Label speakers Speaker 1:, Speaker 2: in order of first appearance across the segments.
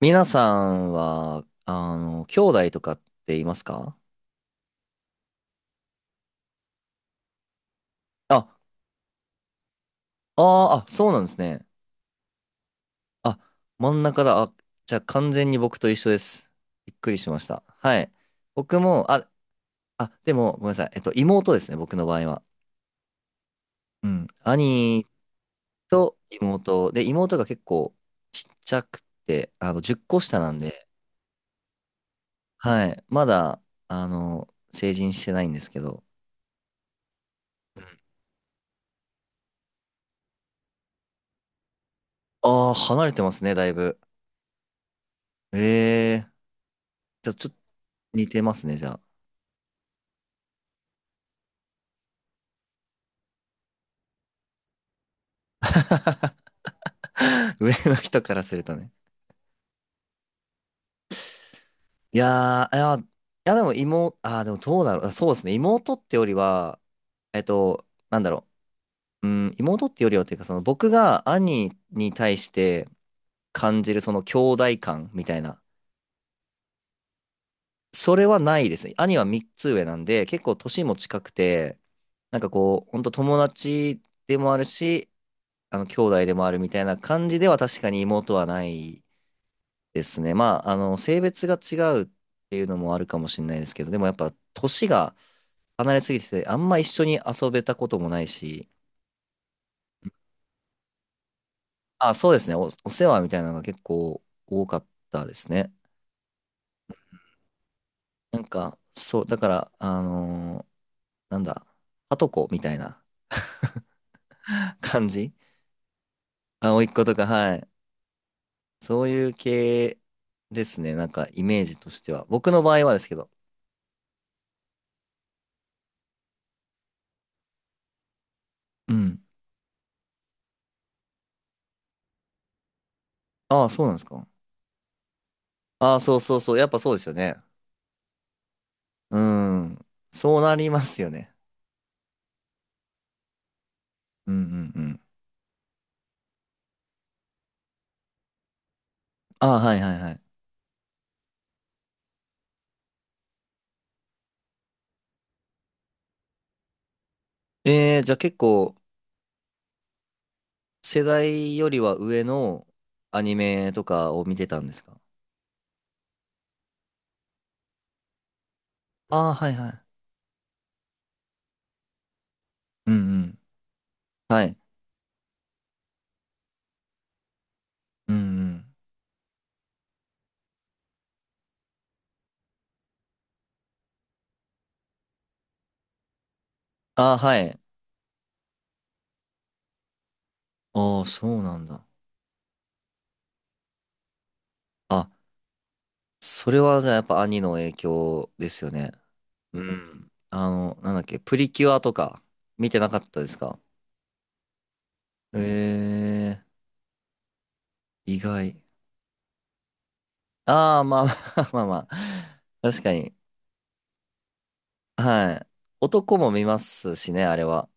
Speaker 1: みなさんは、兄弟とかっていますか？あ、あーあ、そうなんですね。あ、真ん中だ。あ、じゃあ完全に僕と一緒です。びっくりしました。はい。僕も、あ、あ、でも、ごめんなさい。妹ですね、僕の場合は。うん。兄と妹。で、妹が結構ちっちゃくて、10個下なんで、はい。まだ、あの、成人してないんですけど。ああ、離れてますね、だいぶ。ええ。じゃあちょっと似てますね、じゃあ。上の人からするとね。いやー、いや、いやでも妹、でもどうだろう。あ、そうですね。妹ってよりは、えっと、なんだろう。うん、妹ってよりはっていうか、その僕が兄に対して感じるその兄弟感みたいな。それはないですね。兄は3つ上なんで、結構年も近くて、なんかこう、ほんと友達でもあるし、兄弟でもあるみたいな感じでは確かに妹はないですね。まあ、性別が違うっていうのもあるかもしれないですけど、でもやっぱ、年が離れすぎてて、あんま一緒に遊べたこともないし、あ、そうですね。お世話みたいなのが結構多かったですね。なんか、そう、だから、なんだ、はとこみたいな 感じ。あ、甥っ子とか、はい。そういう系ですね。なんか、イメージとしては。僕の場合はですけど。うん。ああ、そうなんですか。ああ、そうそうそう。やっぱそうですよね。うん。そうなりますよね。うんうんうん。ああ、はいはいはい。じゃあ結構世代よりは上のアニメとかを見てたんですか？ああー、はいはい。うんうん。はい。うんうん。ああ、はい。ああ、そうなんだ。あ、それはじゃあやっぱ兄の影響ですよね。うん。なんだっけ、プリキュアとか見てなかったですか？えー、意外。ああ、まあまあまあまあ。確かに。はい。男も見ますしね、あれは。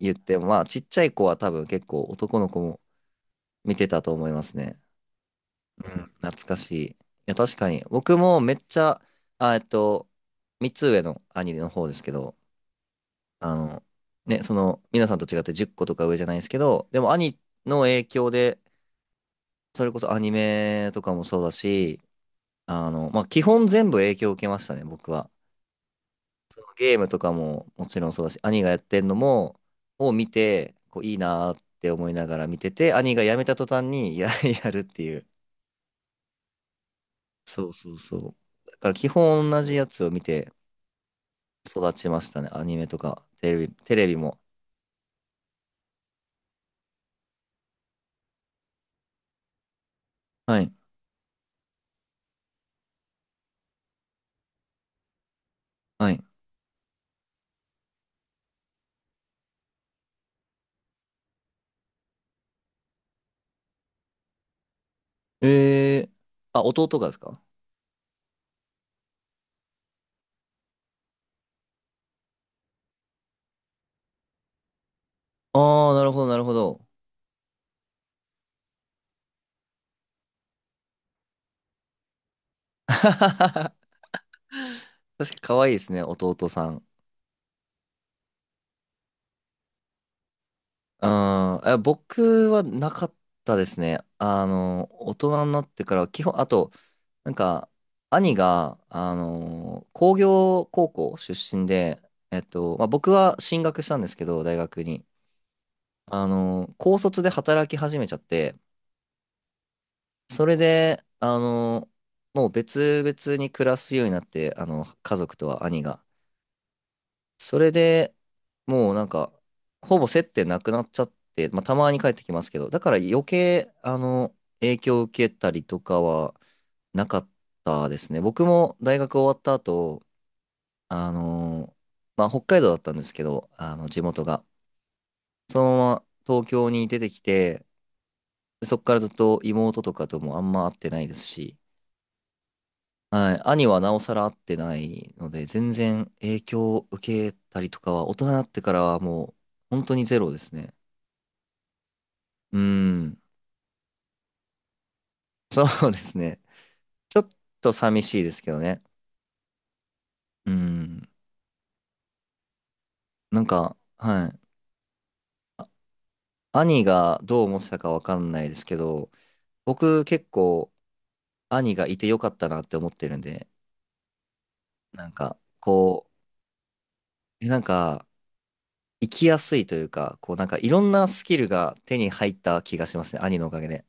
Speaker 1: 言っても、まあ、ちっちゃい子は多分結構男の子も見てたと思いますね。うん、懐かしい。いや、確かに。僕もめっちゃ、あ、3つ上の兄の方ですけど、あの、ね、皆さんと違って10個とか上じゃないですけど、でも兄の影響で、それこそアニメとかもそうだし、まあ、基本全部影響を受けましたね、僕は。ゲームとかももちろんそうだし、兄がやってんのも、を見て、こういいなーって思いながら見てて、兄がやめた途端にやるっていう。そうそうそう。だから基本同じやつを見て育ちましたね。アニメとか、テレビも。はい。はい。えー、あ、弟がですか？ああー、なるほど、なるほど。確か可愛いですね、弟さん。うん、僕はなかったですね。大人になってから、基本、あと、なんか、兄が、工業高校出身で、まあ、僕は進学したんですけど、大学に。高卒で働き始めちゃって、それで、もう別々に暮らすようになって、家族とは兄が。それでもうなんか、ほぼ接点なくなっちゃって、まあ、たまに帰ってきますけど、だから余計、影響を受けたりとかはなかったですね。僕も大学終わった後、あのーまあ、北海道だったんですけど、地元が。そのまま東京に出てきて、そっからずっと妹とかともあんま会ってないですし、はい、兄はなおさら会ってないので、全然影響を受けたりとかは、大人になってからはもう、本当にゼロですね。うん、そうですね。ちょっと寂しいですけどね。うん、なんか、はい。兄がどう思ってたかわかんないですけど、僕結構兄がいてよかったなって思ってるんで、なんか、こう、なんか、生きやすいというか、こう、なんか、いろんなスキルが手に入った気がしますね、兄のおかげで。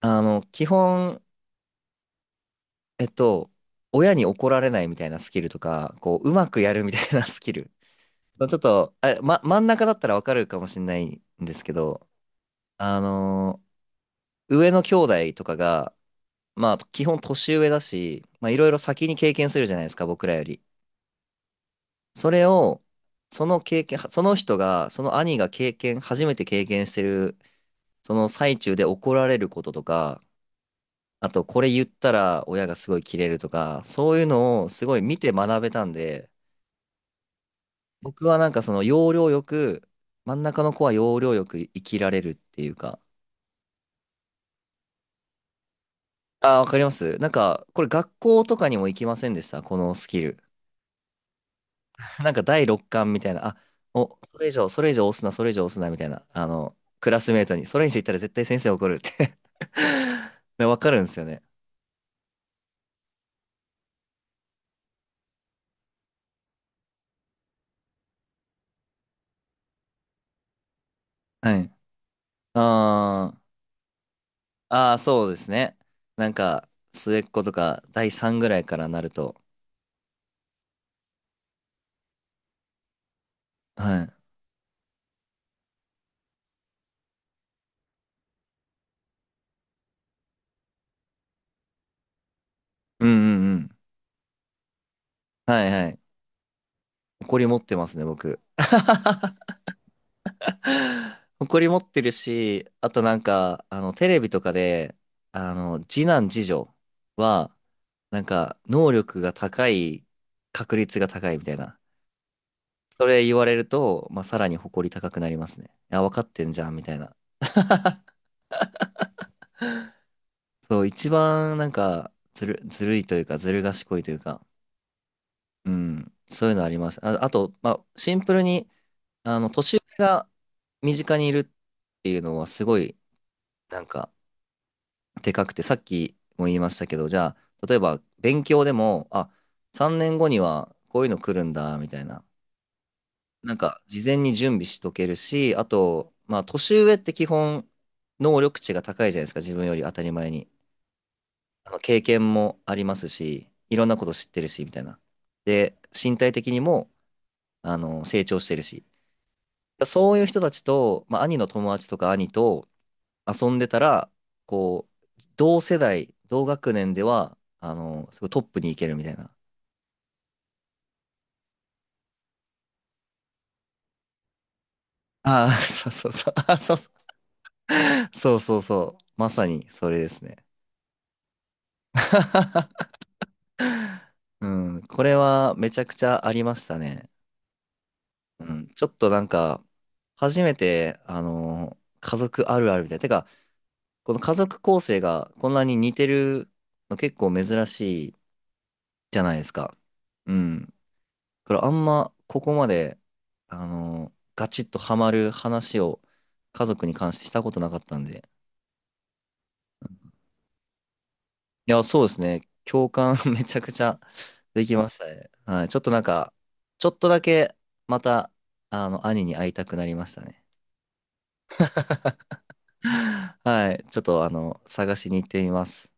Speaker 1: 基本、えっと、親に怒られないみたいなスキルとか、こう、うまくやるみたいなスキル。ちょっと、あ、真ん中だったらわかるかもしれないんですけど、あの、上の兄弟とかが、まあ、基本年上だし、まあ、いろいろ先に経験するじゃないですか、僕らより。それを、その経験、その人が、その兄が経験、初めて経験してる、その最中で怒られることとか、あと、これ言ったら親がすごいキレるとか、そういうのをすごい見て学べたんで、僕はなんかその要領よく、真ん中の子は要領よく生きられるっていうか、ああ、わかりますなんか、これ学校とかにも行きませんでしたこのスキル？なんか第6巻みたいな、あ、お、それ以上、それ以上押すな、それ以上押すな、みたいな、クラスメートに、それ以上言ったら絶対先生怒るって でわかるんですよね。はい。あーあー、そうですね。なんか、末っ子とか、第3ぐらいからなると、はい。うんうんうん。はいはい。怒り持ってますね、僕。誇り持ってるし、あとなんか、テレビとかで、次男次女は、なんか、能力が高い、確率が高いみたいな。それ言われると、まあ、さらに誇り高くなりますね。いや、分かってんじゃん、みたいな。そう、一番なんか、ずるいというか、ずる賢いというか、うん、そういうのあります。あ、あと、まあ、シンプルに、年上が身近にいるっていうのは、すごい、なんか、でかくて、さっきも言いましたけど、じゃあ、例えば勉強でも、あ、3年後にはこういうの来るんだ、みたいな。なんか、事前に準備しとけるし、あと、まあ、年上って基本、能力値が高いじゃないですか、自分より当たり前に。あの経験もありますし、いろんなこと知ってるし、みたいな。で、身体的にも、成長してるし。そういう人たちと、まあ、兄の友達とか兄と遊んでたら、こう、同世代、同学年では、すごいトップに行けるみたいな。ああ、そうそうそう。あ、そうそう。そうそうそう。まさにそれですね。うん、これはめちゃくちゃありましたね。うん、ちょっとなんか、初めて、家族あるあるみたいな。てか、この家族構成がこんなに似てるの結構珍しいじゃないですか。うん。からあんまここまで、ガチッとハマる話を家族に関してしたことなかったんで。いや、そうですね。共感 めちゃくちゃできましたね。はい。ちょっとなんか、ちょっとだけまた、兄に会いたくなりましたね。はい。ちょっと探しに行ってみます。